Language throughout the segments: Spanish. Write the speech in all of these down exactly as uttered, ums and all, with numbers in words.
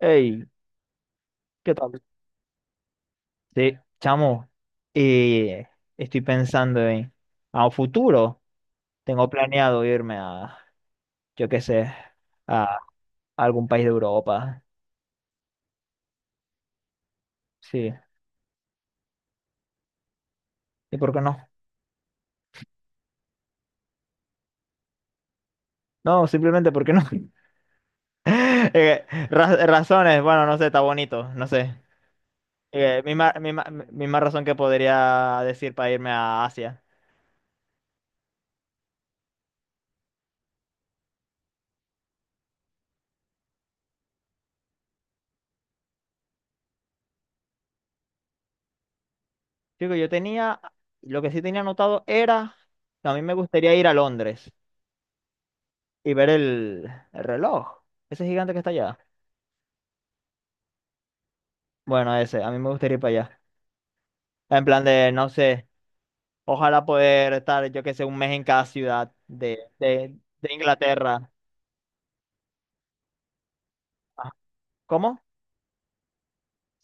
Hey, ¿qué tal? Sí, chamo, eh, estoy pensando en a un futuro. Tengo planeado irme a, yo qué sé, a algún país de Europa. Sí, ¿y por qué no? No, simplemente porque no. Eh, ra- Razones, bueno, no sé, está bonito, no sé. Eh, misma, misma- misma razón que podría decir para irme a Asia. Digo, yo tenía, lo que sí tenía anotado era que a mí me gustaría ir a Londres y ver el, el reloj, ese gigante que está allá. Bueno, ese, a mí me gustaría ir para allá. En plan de, no sé, ojalá poder estar, yo que sé, un mes en cada ciudad de, de, de Inglaterra. Ajá. ¿Cómo?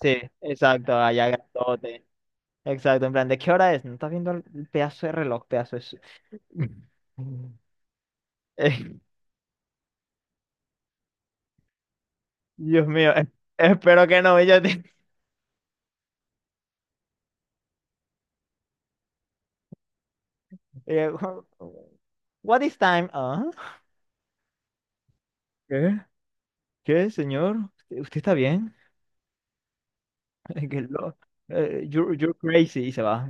Sí, exacto, allá grandote. Exacto, en plan, ¿de qué hora es? ¿No estás viendo el el pedazo de reloj, pedazo de su- Eh, Dios mío, eh, espero que no. Yo te- eh, What is time? Ah, ¿qué? ¿Qué, señor? ¿Usted usted está bien? Que lo- eh, you're, you're crazy y se va.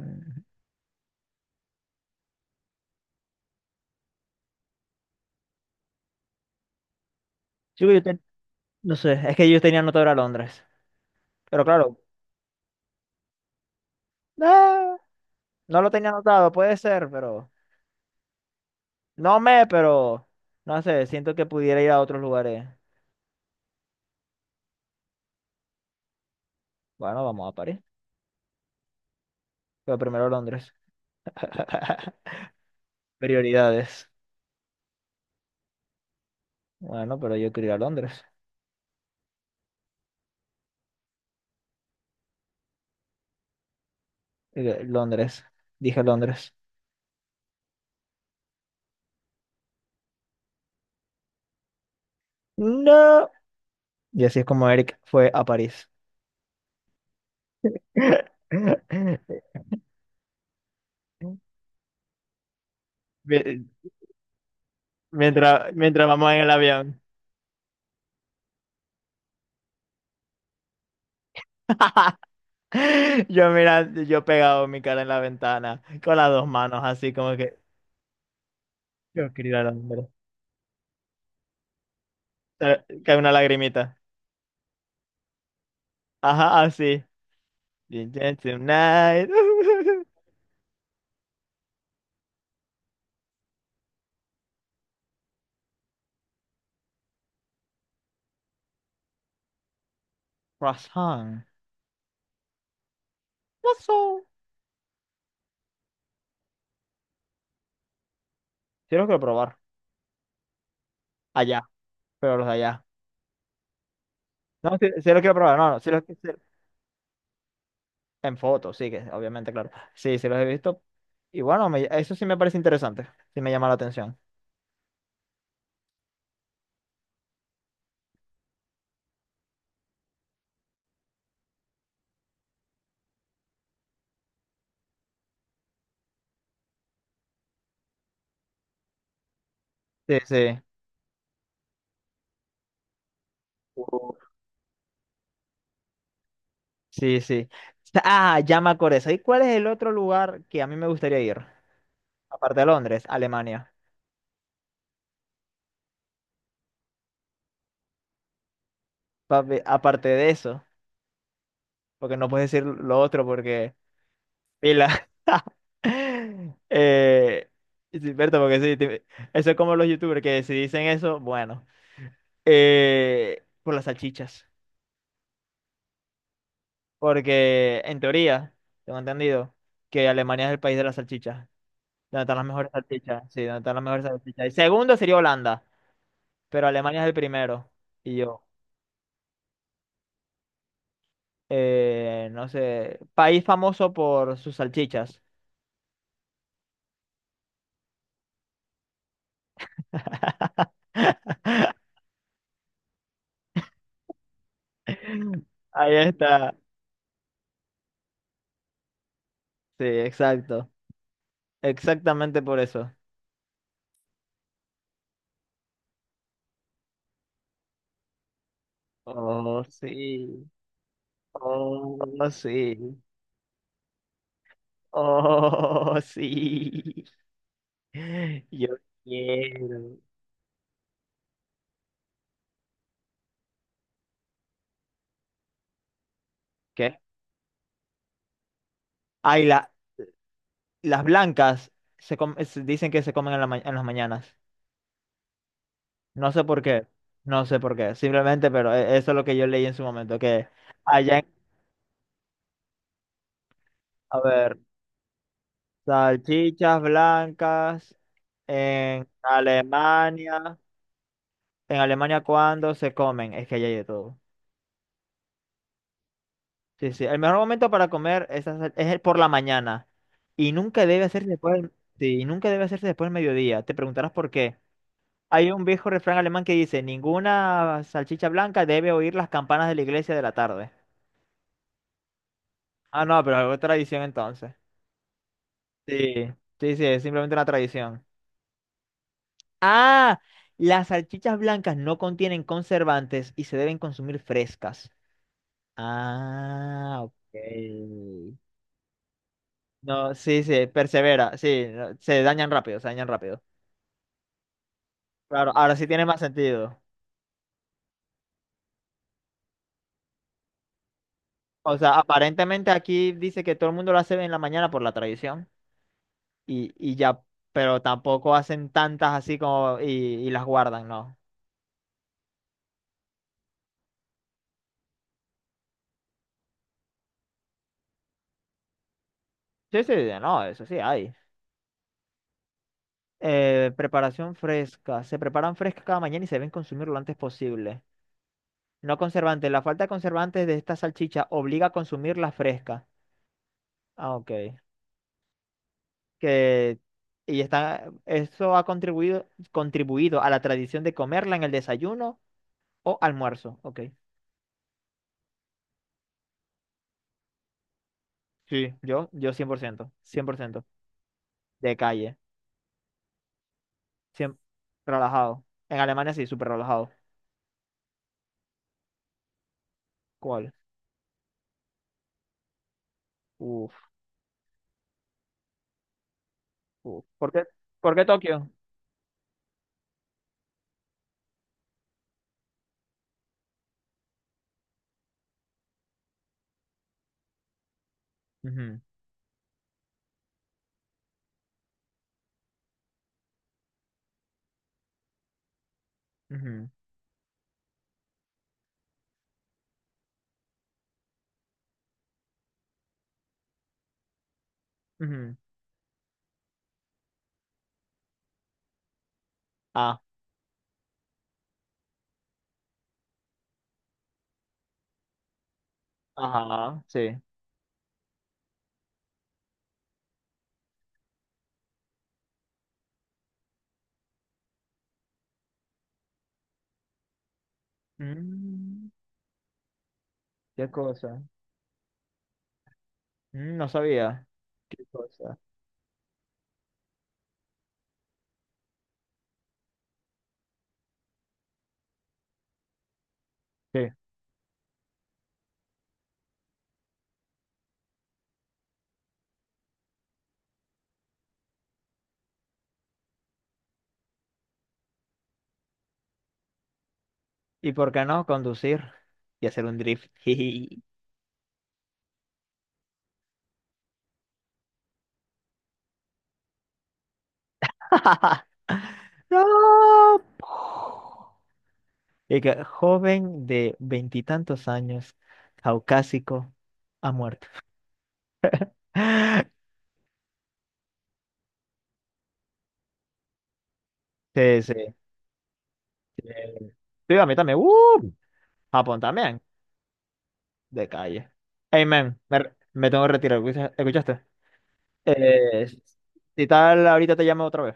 Chico, Yo, no sé, es que yo tenía anotado a Londres. Pero claro, ah, no lo tenía anotado, puede ser, pero. No me, pero. No sé, siento que pudiera ir a otros lugares. Bueno, vamos a París. Pero primero Londres. Prioridades. Bueno, pero yo quiero ir a Londres. Eh, Londres. Dije Londres. No. Y así es como Eric fue a París. Mie- Mientras, mientras vamos en el avión. Yo, mira, yo pegado mi cara en la ventana con las dos manos, así como que yo quería ir al hombre. Eh, Cae una lagrimita. Ajá, así. Bien, bien, Tonight. Croissant. Croissant. Sí lo quiero probar. Allá, pero los de allá. No, sí, sí lo quiero probar. No, no, sí, los- sí- en fotos, sí, que obviamente, claro. Sí, sí los he visto. Y bueno, me- eso sí me parece interesante. Sí me llama la atención. Sí, sí. Uf. Sí, sí. Ah, ya me acordé. ¿Y cuál es el otro lugar que a mí me gustaría ir? Aparte de Londres, Alemania. Papi, aparte de eso, porque no puedes decir lo otro porque pila. eh, sí, Berta, porque sí, te- eso es como los youtubers que si dicen eso, bueno, eh, por las salchichas. Porque en teoría, tengo entendido que Alemania es el país de las salchichas. Donde están las mejores salchichas. Sí, donde están las mejores salchichas. El segundo sería Holanda, pero Alemania es el primero. Y yo, eh, no sé, país famoso por sus salchichas. Ahí está. Sí, exacto. Exactamente por eso. Oh, sí. Oh, sí. Oh, sí. Yo quiero. ¿Qué? Ay, la, las blancas se com- se dicen que se comen en, la ma- en las mañanas. No sé por qué. No sé por qué. Simplemente, pero e- eso es lo que yo leí en su momento. Que allá en- A ver. Salchichas blancas en Alemania. ¿En Alemania cuándo se comen? Es que allá hay de todo. Sí, sí. El mejor momento para comer esas sal- es, el por la mañana. Y nunca debe hacerse después del, sí, y nunca debe hacerse después del mediodía. Te preguntarás por qué. Hay un viejo refrán alemán que dice, ninguna salchicha blanca debe oír las campanas de la iglesia de la tarde. Ah, no, pero es tradición entonces. Sí, sí, sí, es simplemente una tradición. Ah, las salchichas blancas no contienen conservantes y se deben consumir frescas. Ah, ok. No, sí, sí, persevera, sí, no, se dañan rápido, se dañan rápido. Claro, ahora sí tiene más sentido. O sea, aparentemente aquí dice que todo el mundo lo hace en la mañana por la tradición y, y ya, pero tampoco hacen tantas así como y, y las guardan, ¿no? Sí, sí, no, eso sí hay. Eh, preparación fresca. Se preparan frescas cada mañana y se deben consumir lo antes posible. No conservante. La falta de conservantes de esta salchicha obliga a consumirla fresca. Ah, ok. Que, y está, eso ha contribuido, contribuido a la tradición de comerla en el desayuno o almuerzo. Ok. Sí, yo, yo cien cien por ciento cien por ciento de calle. Siem- Relajado. En Alemania sí, súper relajado. ¿Cuál? Uf, uf. ¿Por qué, por qué Tokio? Ujú, ujú, ujú. Ah, ajá, sí. Mm, qué cosa. Mm, No sabía. Qué cosa. Sí. ¿Y por qué no conducir y hacer un drift? Jiji. ¡No! Y que joven de veintitantos años, caucásico, ha muerto. Sí, sí. Sí. Sí, a mí también. ¡Uh! Japón también. De calle. Hey, man, me, me tengo que retirar. ¿Escucha- Escuchaste? Eh, si tal, ahorita te llamo otra vez.